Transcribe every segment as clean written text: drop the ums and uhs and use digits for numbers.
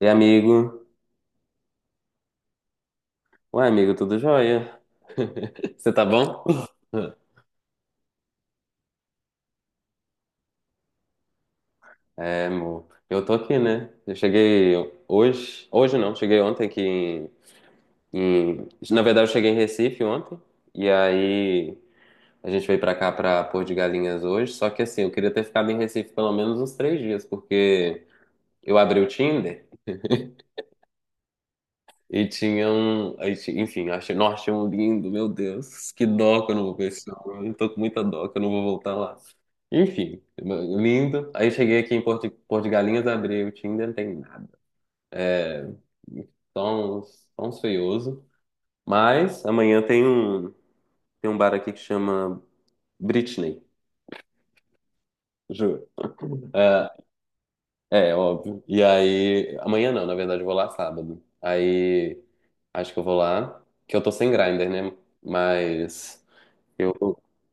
E amigo? Ué, amigo, tudo jóia? Você tá bom? É, amor. Eu tô aqui, né? Eu cheguei hoje. Hoje não, cheguei ontem aqui na verdade, eu cheguei em Recife ontem. E aí a gente veio pra cá pra Porto de Galinhas hoje. Só que assim, eu queria ter ficado em Recife pelo menos uns três dias, porque eu abri o Tinder. E tinha um. Enfim, achei, nós tínhamos um lindo, meu Deus, que dó que eu não vou ver esse homem. Eu tô com muita dó que eu não vou voltar lá. Enfim, lindo. Aí cheguei aqui em Porto, Porto de Galinhas, abri o Tinder, não tem nada. Só uns feioso. Mas amanhã tem tem um bar aqui que chama Britney, juro. É, é, óbvio. E aí. Amanhã não, na verdade eu vou lá sábado. Aí. Acho que eu vou lá. Que eu tô sem grinder, né? Mas. Eu,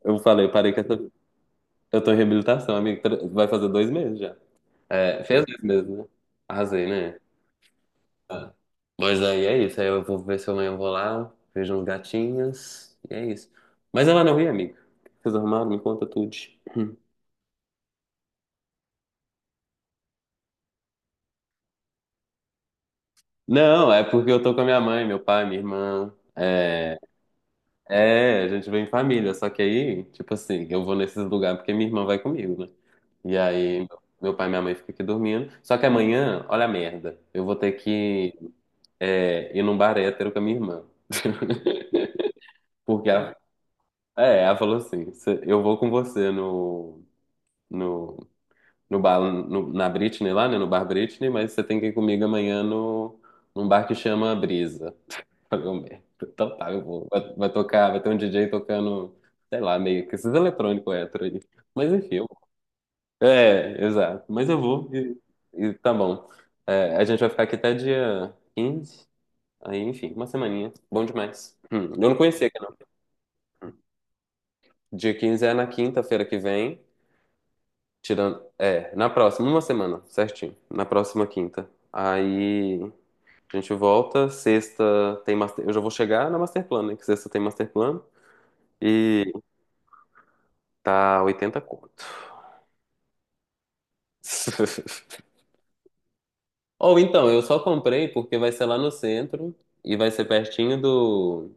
eu falei, parei com essa. Eu tô em reabilitação, amigo. Vai fazer dois meses já. É, fez dois meses, né? Arrasei, né? Tá. Mas aí é isso. Aí eu vou ver se amanhã eu vou lá, vejo uns gatinhos. E é isso. Mas ela não ri, amigo. Vocês arrumaram? Me conta tudo. Não, é porque eu tô com a minha mãe, meu pai, minha irmã. É, é, a gente vem em família. Só que aí, tipo assim, eu vou nesses lugares porque minha irmã vai comigo, né? E aí, meu pai e minha mãe ficam aqui dormindo. Só que amanhã, olha a merda. Eu vou ter que. É, ir num bar hétero com a minha irmã. Porque ela, é, ela falou assim: "Cê- eu vou com você no, no bar, na Britney lá, né? No bar Britney, mas você tem que ir comigo amanhã no, num bar que chama Brisa. Falei, "Ô, merda. Então tá, eu vou. Vai, vai tocar, vai ter um DJ tocando, sei lá, meio que esses eletrônicos hétero aí. Mas enfim, é, exato. Mas eu vou e tá bom. É, a gente vai ficar aqui até dia 15, aí enfim, uma semaninha. Bom demais. Eu não conhecia. Dia 15 é na quinta-feira que vem, tirando, é, na próxima, uma semana, certinho, na próxima quinta. Aí a gente volta, sexta tem master, eu já vou chegar na master plan, né, que sexta tem master plan e tá 80 conto. Ou então, eu só comprei porque vai ser lá no centro e vai ser pertinho do.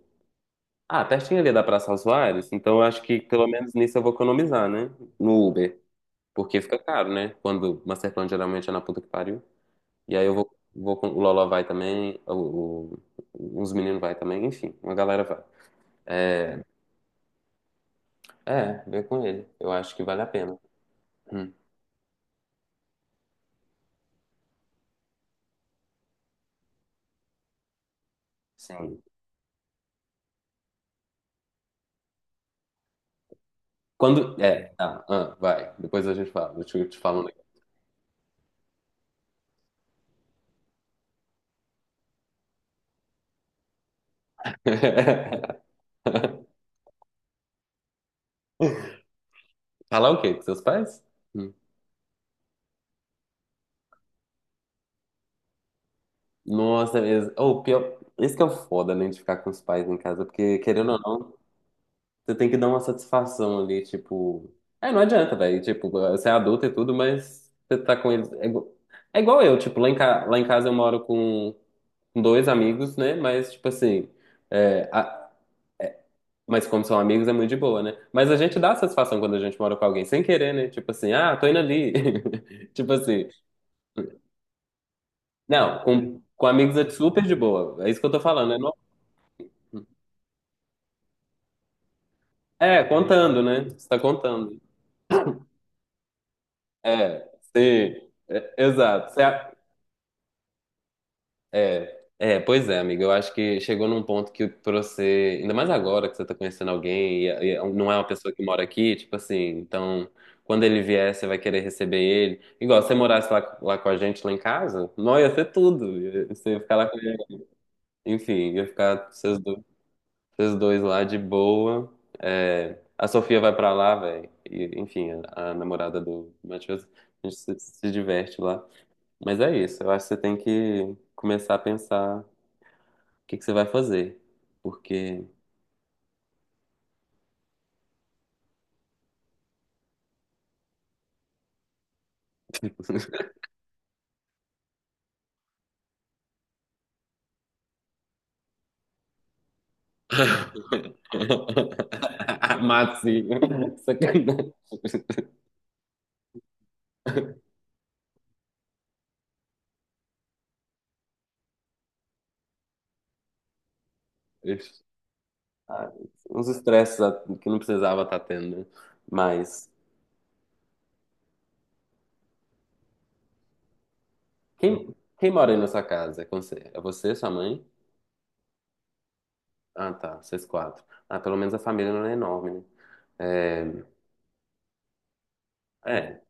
Ah, pertinho ali da Praça Aos Soares. Então eu acho que pelo menos nisso eu vou economizar, né? No Uber. Porque fica caro, né? Quando o Masterplan geralmente é na puta que pariu. E aí eu vou, vou com o Lola vai também, os meninos vai também, enfim, uma galera vai. É, vem com ele. Eu acho que vale a pena. Hum, sim. Quando. É, tá, ah, vai. Depois a gente fala. Eu te falo. Falar o quê? Com seus pais? Hum. Nossa, mesmo. Ou pior. Isso que é o foda, né, de ficar com os pais em casa, porque querendo ou não. Você tem que dar uma satisfação ali, tipo. É, não adianta, velho. Tipo, você é adulto e tudo, mas você tá com eles. É igual eu, tipo, lá em, ca... lá em casa eu moro com dois amigos, né? Mas, tipo assim. é, a- Mas como são amigos, é muito de boa, né? Mas a gente dá satisfação quando a gente mora com alguém, sem querer, né? Tipo assim, ah, tô indo ali. Tipo assim. Não, com amigos é super de boa. É isso que eu tô falando, né? Não. É, contando, né? Você tá contando. É, sim. É, exato. É, é, pois é, amiga. Eu acho que chegou num ponto que pra você, ainda mais agora que você tá conhecendo alguém e é um, não é uma pessoa que mora aqui, tipo assim, então quando ele vier, você vai querer receber ele. Igual se você morasse lá, lá com a gente, lá em casa, não ia ser tudo. Você ia ficar lá com ele. Enfim, ia ficar vocês dois lá de boa. É, a Sofia vai pra lá, velho. Enfim, a namorada do Matheus, a gente se diverte lá. Mas é isso, eu acho que você tem que começar a pensar o que que você vai fazer? Porque. Matinho. Sacanagem. Ah, uns estresses que não precisava estar tendo, né? Mas. Quem mora aí na sua casa? É com você? É você, sua mãe? Ah, tá. Vocês quatro. Ah, pelo menos a família não é enorme, né? É, é.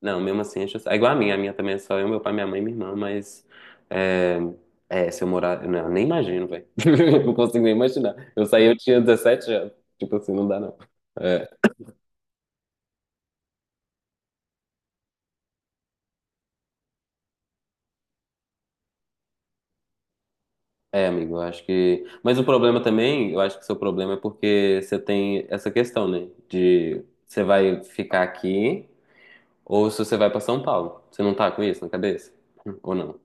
Não, mesmo assim, acho... é igual a minha. A minha também é só eu, meu pai, minha mãe e minha irmã, mas. É, é, se eu morar. Não, eu nem imagino, velho. Não consigo nem imaginar. Eu saí, eu tinha 17 anos. Tipo assim, não dá, não. É, é, amigo, eu acho que. Mas o problema também, eu acho que o seu problema é porque você tem essa questão, né? De você vai ficar aqui ou se você vai pra São Paulo. Você não tá com isso na cabeça? Ou não?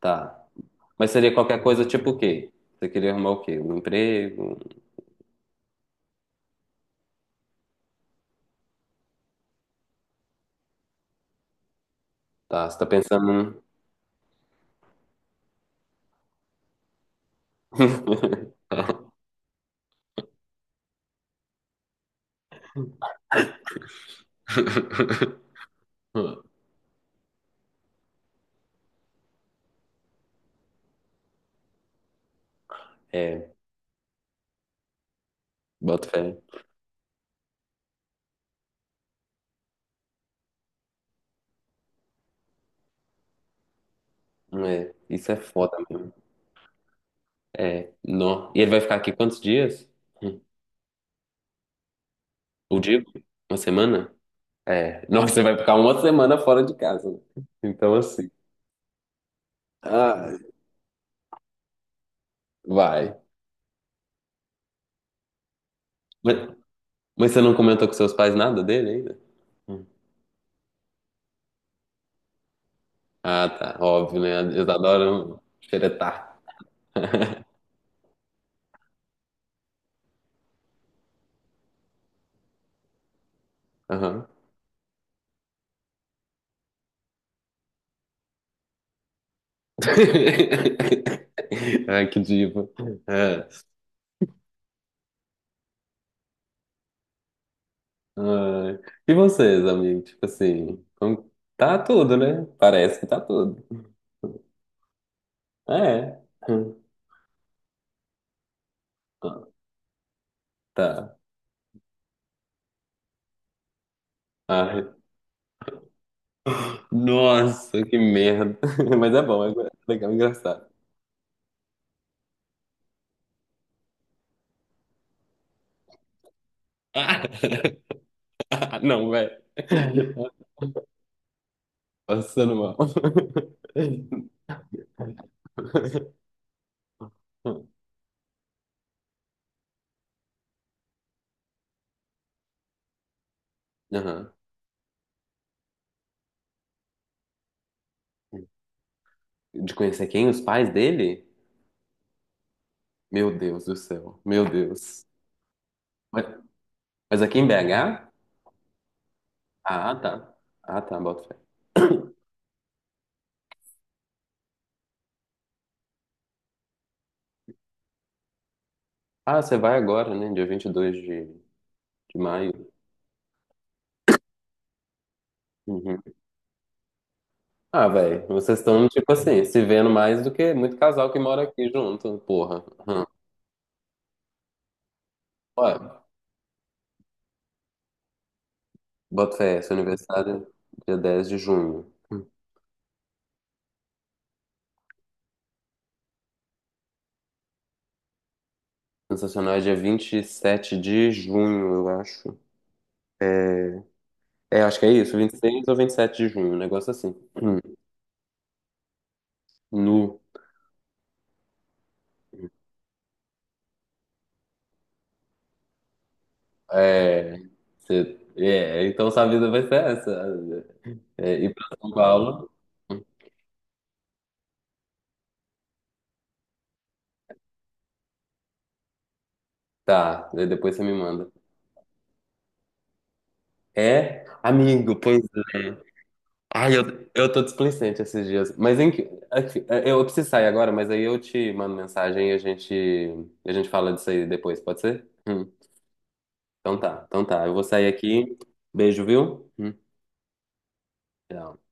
Tá. Mas seria qualquer coisa tipo o quê? Você queria arrumar o quê? Um emprego? Tá, você tá pensando. É, bota fé. É, isso é foda mesmo. É, nó. E ele vai ficar aqui quantos dias? Hum. O dia? Uma semana? É, nossa, você vai ficar uma semana fora de casa. Né? Então, assim. Ah, vai. Mas, mas você não comentou com seus pais nada dele ainda? Hum. Ah, tá. Óbvio, né? Eles adoram xeretar. Aham. Ai, que diva. É. Ai. E vocês, amigo? Tipo assim, como- tá tudo, né? Parece que tá tudo. É. Ah, tá. Ai. Nossa, que merda. Mas é bom, é legal, é engraçado. Ah. Não, velho. Passando mal. Aham. De conhecer quem? Os pais dele? Meu Deus do céu. Meu Deus. Mas mas aqui em BH? Ah, tá. Ah, tá, bota fé. Ah, você vai agora, né? Dia 22 de maio. Uhum. Ah, velho, vocês estão, tipo assim, se vendo mais do que muito casal que mora aqui junto, porra. Uhum. Olha, bota fé, seu aniversário é dia 10 de junho. Sensacional, é dia 27 de junho, eu acho. É, é, acho que é isso. 26 ou 27 de junho, um negócio assim. Hum. Nu. É, é, então sua vida vai ser essa. É, ir pra São Paulo. Tá, daí depois você me manda. É, amigo, pois é. Ai, eu tô displicente esses dias. Mas eu preciso sair agora, mas aí eu te mando mensagem e a a gente fala disso aí depois, pode ser? Então tá. Eu vou sair aqui. Beijo, viu? Tchau.